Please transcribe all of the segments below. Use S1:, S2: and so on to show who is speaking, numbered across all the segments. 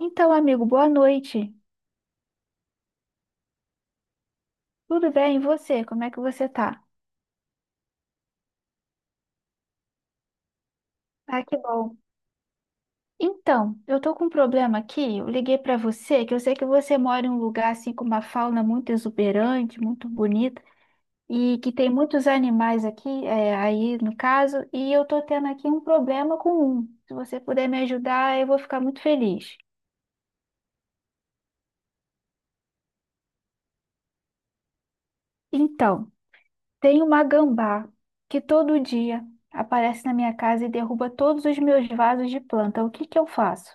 S1: Então, amigo, boa noite. Tudo bem, e você? Como é que você tá? Ah, que bom. Então, eu tô com um problema aqui. Eu liguei pra você, que eu sei que você mora em um lugar assim com uma fauna muito exuberante, muito bonita, e que tem muitos animais aqui, aí no caso, e eu tô tendo aqui um problema com um. Se você puder me ajudar, eu vou ficar muito feliz. Então, tem uma gambá que todo dia aparece na minha casa e derruba todos os meus vasos de planta. O que que eu faço?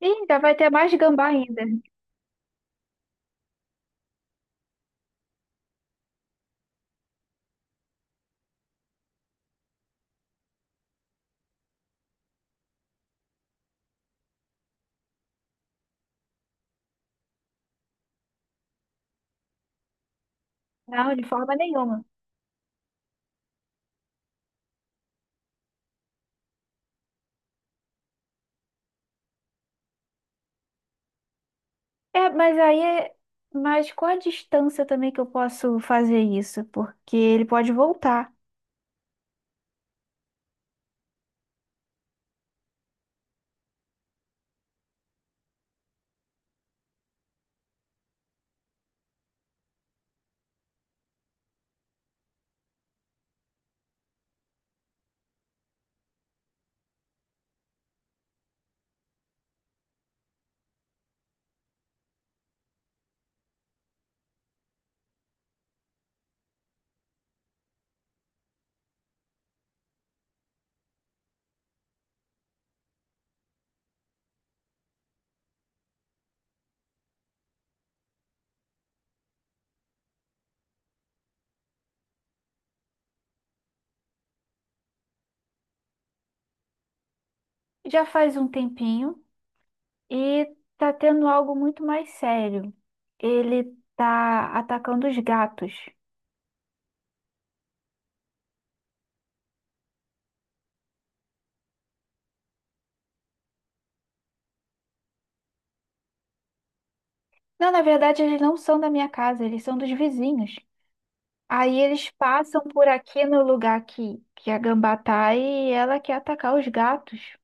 S1: Ih, ainda vai ter mais gambá ainda. Não, de forma nenhuma. É, mas aí é. Mas qual a distância também que eu posso fazer isso? Porque ele pode voltar. Já faz um tempinho e tá tendo algo muito mais sério. Ele tá atacando os gatos. Não, na verdade, eles não são da minha casa, eles são dos vizinhos. Aí eles passam por aqui no lugar que a gambá tá e ela quer atacar os gatos.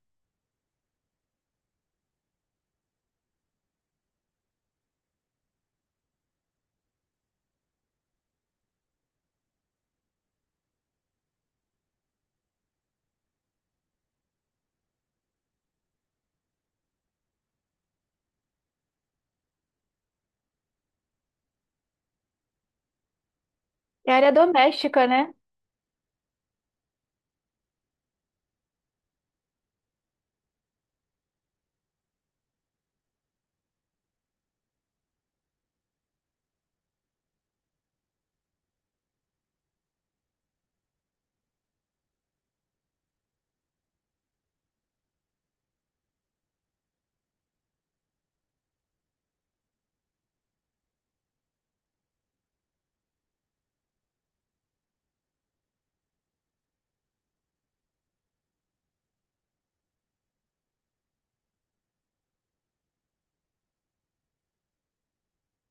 S1: É área doméstica, né?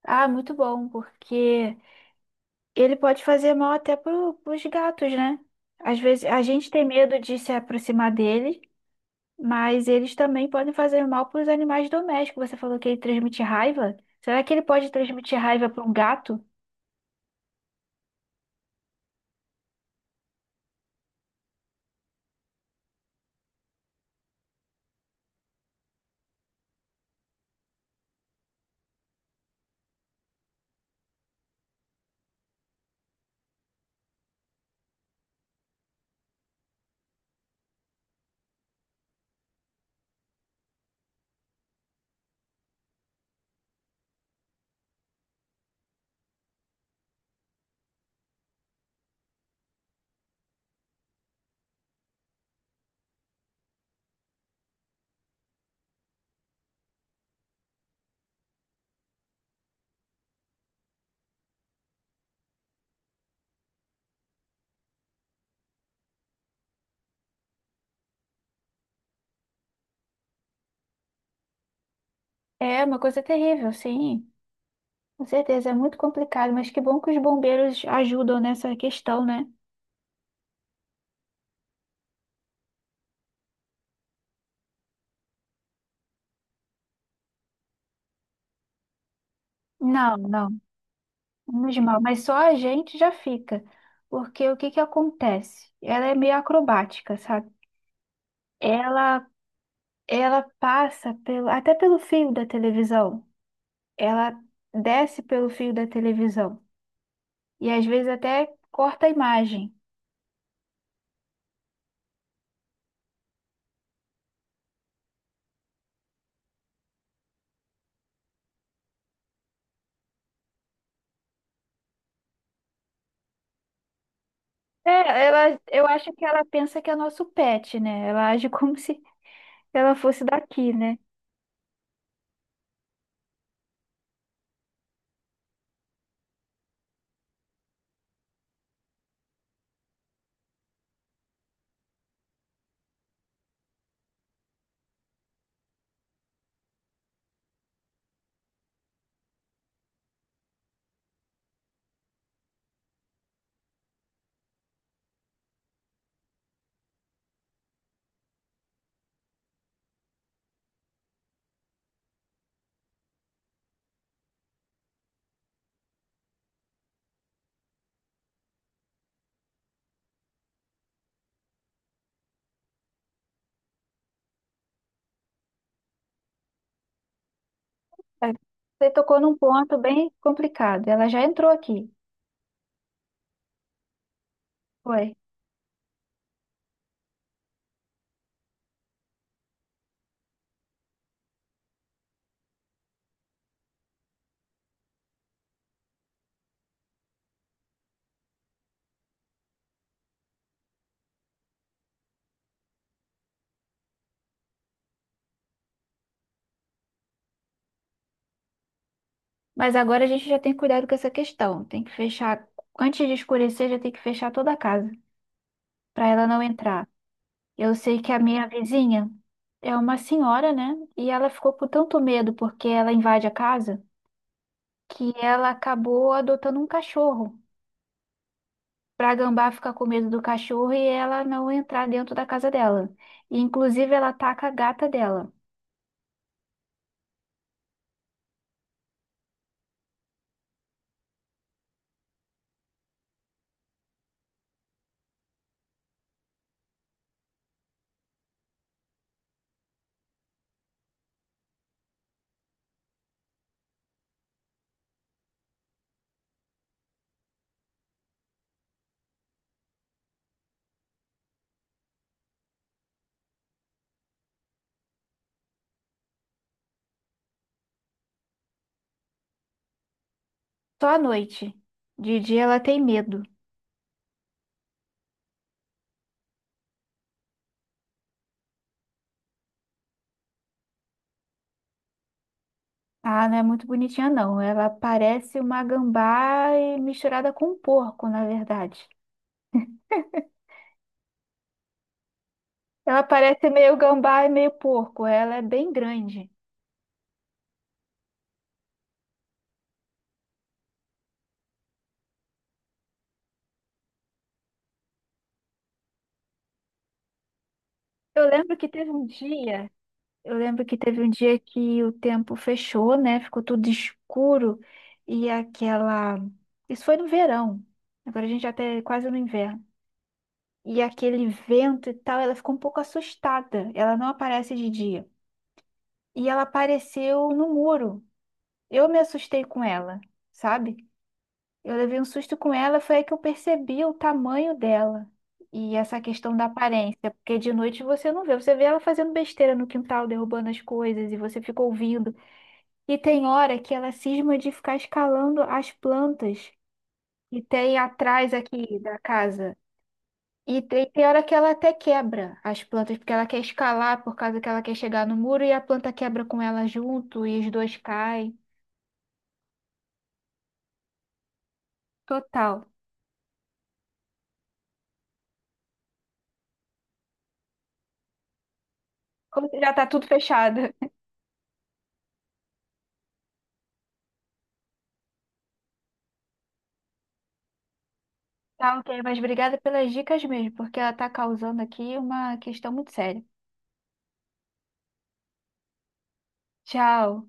S1: Ah, muito bom, porque ele pode fazer mal até pros gatos, né? Às vezes a gente tem medo de se aproximar dele, mas eles também podem fazer mal para os animais domésticos. Você falou que ele transmite raiva. Será que ele pode transmitir raiva para um gato? É uma coisa terrível, sim. Com certeza, é muito complicado, mas que bom que os bombeiros ajudam nessa questão, né? Não, não, menos mal, mas só a gente já fica, porque o que que acontece? Ela é meio acrobática, sabe? Ela Ela passa pelo, até pelo fio da televisão. Ela desce pelo fio da televisão. E às vezes até corta a imagem. É, ela, eu acho que ela pensa que é nosso pet, né? Ela age como se ela fosse daqui, né? É, você tocou num ponto bem complicado. Ela já entrou aqui, foi. Mas agora a gente já tem cuidado com essa questão. Tem que fechar, antes de escurecer, já tem que fechar toda a casa, para ela não entrar. Eu sei que a minha vizinha é uma senhora, né? E ela ficou com tanto medo porque ela invade a casa que ela acabou adotando um cachorro. Pra gambá ficar com medo do cachorro e ela não entrar dentro da casa dela. E, inclusive, ela ataca a gata dela. Só à noite. De dia ela tem medo. Ah, não é muito bonitinha, não. Ela parece uma gambá e misturada com um porco, na verdade. Ela parece meio gambá e meio porco. Ela é bem grande. Eu lembro que teve um dia, eu lembro que teve um dia que o tempo fechou, né? Ficou tudo escuro e aquela. Isso foi no verão. Agora a gente já tá quase no inverno. E aquele vento e tal, ela ficou um pouco assustada. Ela não aparece de dia. E ela apareceu no muro. Eu me assustei com ela, sabe? Eu levei um susto com ela, foi aí que eu percebi o tamanho dela. E essa questão da aparência, porque de noite você não vê, você vê ela fazendo besteira no quintal, derrubando as coisas, e você fica ouvindo. E tem hora que ela cisma de ficar escalando as plantas que tem atrás aqui da casa. E tem hora que ela até quebra as plantas, porque ela quer escalar por causa que ela quer chegar no muro e a planta quebra com ela junto e os dois caem. Total. Como que já tá tudo fechado. Tá ok, mas obrigada pelas dicas mesmo, porque ela tá causando aqui uma questão muito séria. Tchau.